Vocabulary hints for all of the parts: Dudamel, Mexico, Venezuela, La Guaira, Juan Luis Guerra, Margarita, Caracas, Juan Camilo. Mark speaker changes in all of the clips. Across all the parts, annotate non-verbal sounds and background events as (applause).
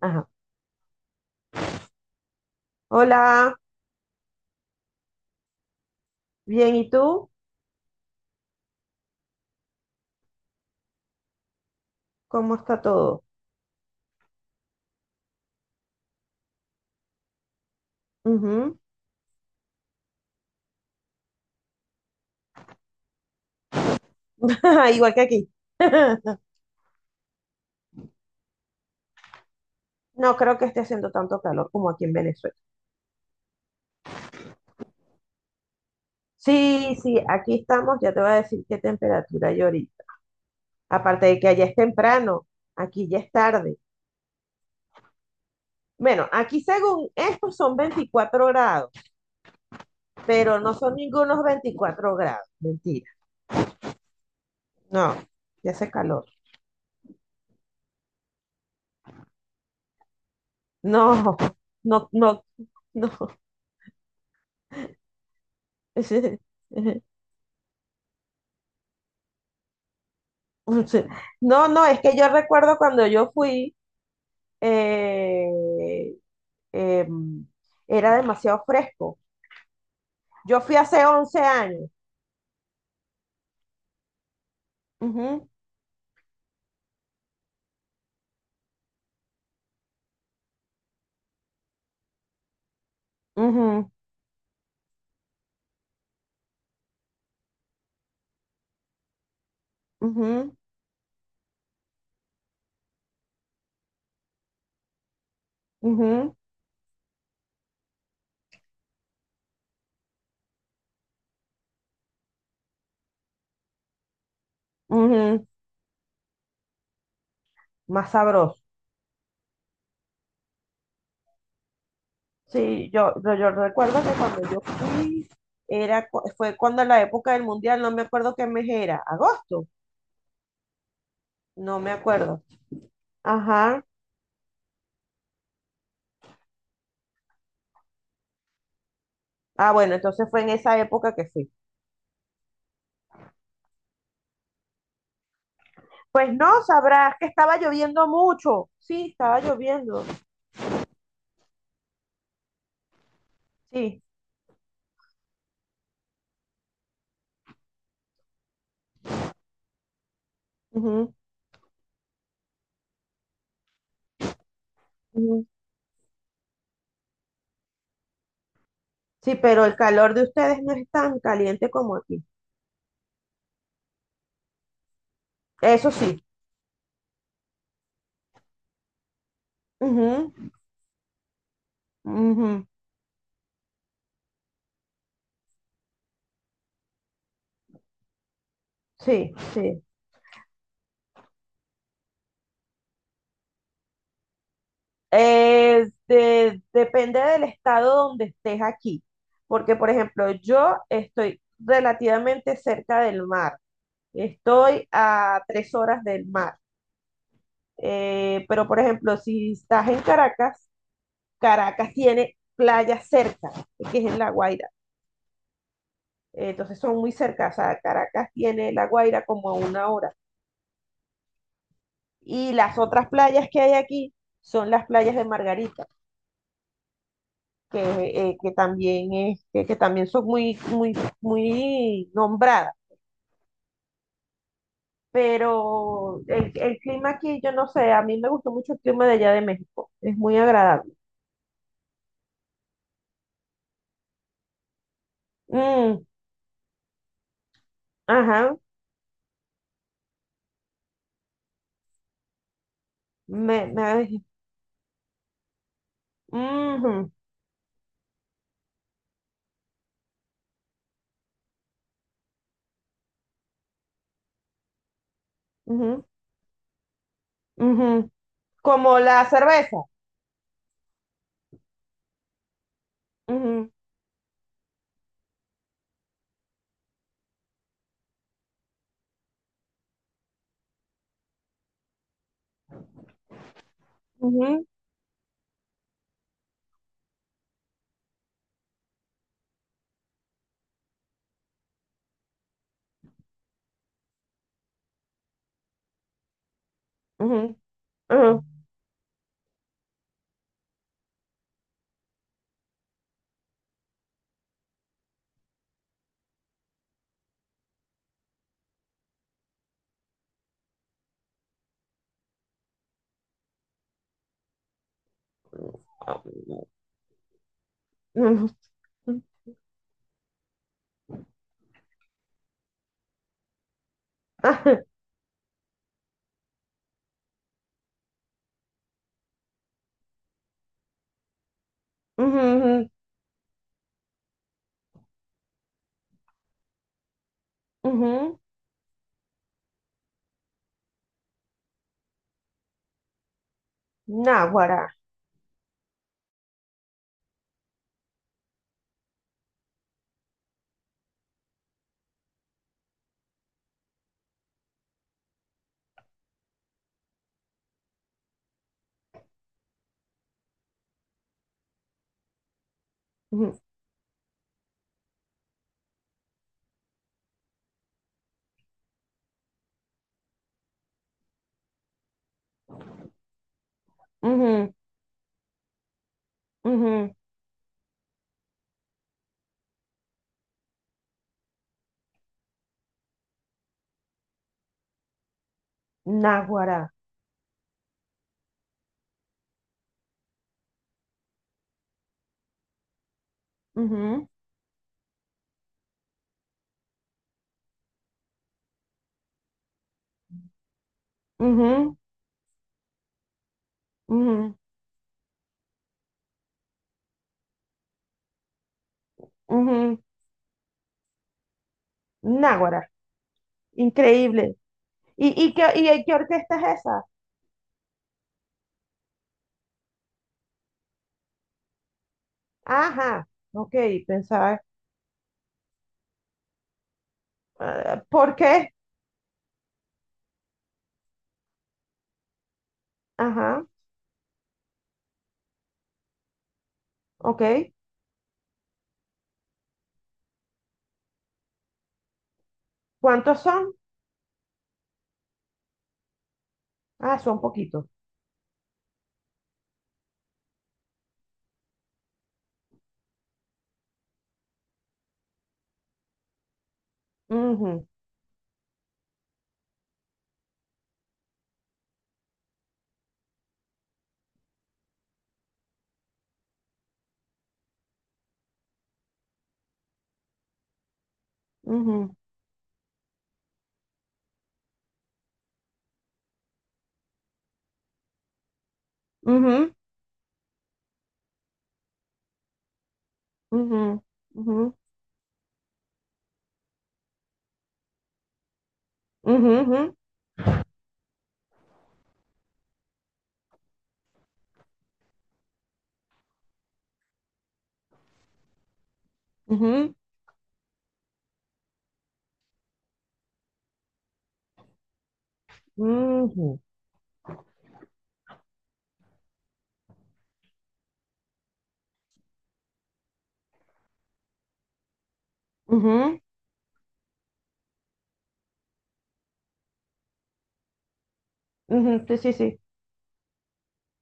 Speaker 1: Ajá. Hola, bien, ¿y tú? ¿Cómo está todo? Ujú. (laughs) Igual que aquí. (laughs) No creo que esté haciendo tanto calor como aquí en Venezuela. Sí, sí, aquí estamos, ya te voy a decir qué temperatura hay ahorita. Aparte de que allá es temprano, aquí ya es tarde. Bueno, aquí según estos son 24 grados, pero no son ningunos 24 grados, mentira. No, ya hace calor. No, no, no, no. (laughs) (laughs) Mm, sí. No, no, es que yo recuerdo cuando yo fui, eh, em, era demasiado fresco. Yo fui hace 11 años. Ujú, ujú, ujú, ujú, ujú. Más sabroso. Sí, yo recuerdo que cuando yo fui, fue cuando la época del mundial, no me acuerdo qué mes era, agosto, no me acuerdo. Ajá. Ah, bueno, entonces fue en esa época que fui. Pues no, sabrás que estaba lloviendo mucho. Sí, estaba lloviendo. Sí. Ujú, ujú. Sí, pero el calor de ustedes no es tan caliente como aquí. Eso sí. Ujú, ujú, sí, sí. Depende del estado donde estés aquí. Porque, por ejemplo, yo estoy relativamente cerca del mar. Estoy a 3 horas del mar. Pero, por ejemplo, si estás en Caracas, Caracas tiene playa cerca, que es en La Guaira. Entonces son muy cerca, o sea, Caracas tiene La Guaira como a una hora. Y las otras playas que hay aquí son las playas de Margarita, que, que también son muy, muy nombradas. Pero el clima aquí, yo no sé, a mí me gustó mucho el clima de allá de México, es muy agradable. Mm, ajá, me, me- ujú, ujú, ujú. Como la cerveza. Ujú. Ujú, ujú, ujú, ah, ujú, ujú, (laughs) ajá, ujú, ujú, ujú. Náguara. Ujú, ujú, ujú, náguara. Ujú, ujú, ujú, ujú, náguara. Increíble. ¿Y, y qué orquesta es esa? Ajá. Ok, pensaba. Ah, ¿por qué? Ajá. Ok. ¿Cuántos son? Ah, son poquitos. Ujú, ujú, ujú, ujú, ujú, ujú, ujú, ujú. Ujú, ujú, ujú, sí, sí, sí.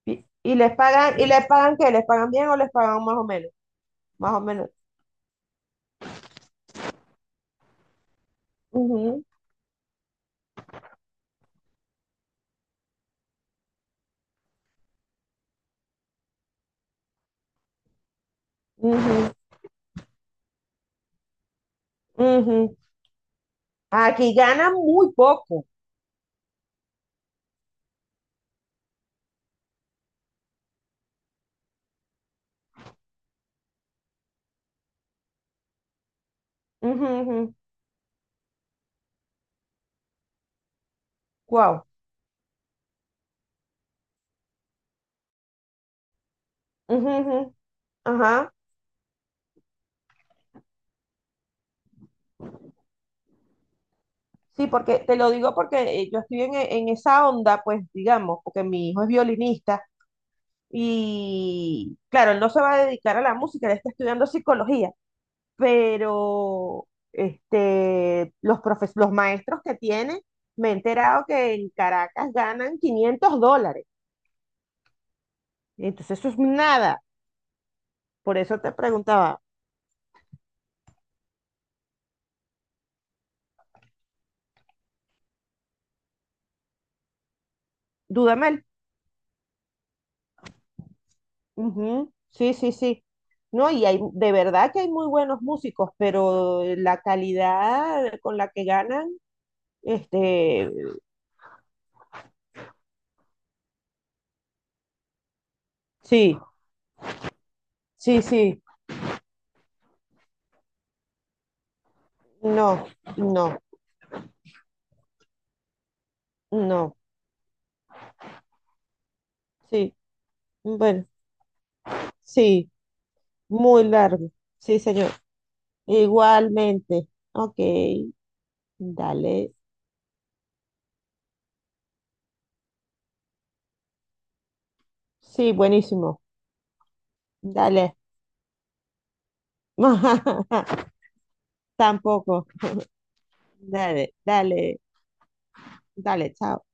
Speaker 1: Y, ¿y les pagan qué? ¿Les pagan bien o les pagan más o menos? Más o menos. Ujú, ujú, ujú. Aquí ganan muy poco. Wow. Ajá. Sí, porque te lo digo porque yo estoy en esa onda, pues digamos, porque mi hijo es violinista y claro, él no se va a dedicar a la música, él está estudiando psicología. Pero los maestros que tienen me he enterado que en Caracas ganan $500. Entonces eso es nada. Por eso te preguntaba, Dudamel. Ujú, sí, sí, sí. No, y hay, de verdad que hay muy buenos músicos, pero la calidad con la que ganan, este, sí, sí, sí, no, no, no, sí, bueno, sí, muy largo, sí, señor. Igualmente. Ok, dale. Sí, buenísimo. Dale. (laughs) Tampoco. Dale, dale, dale, chao.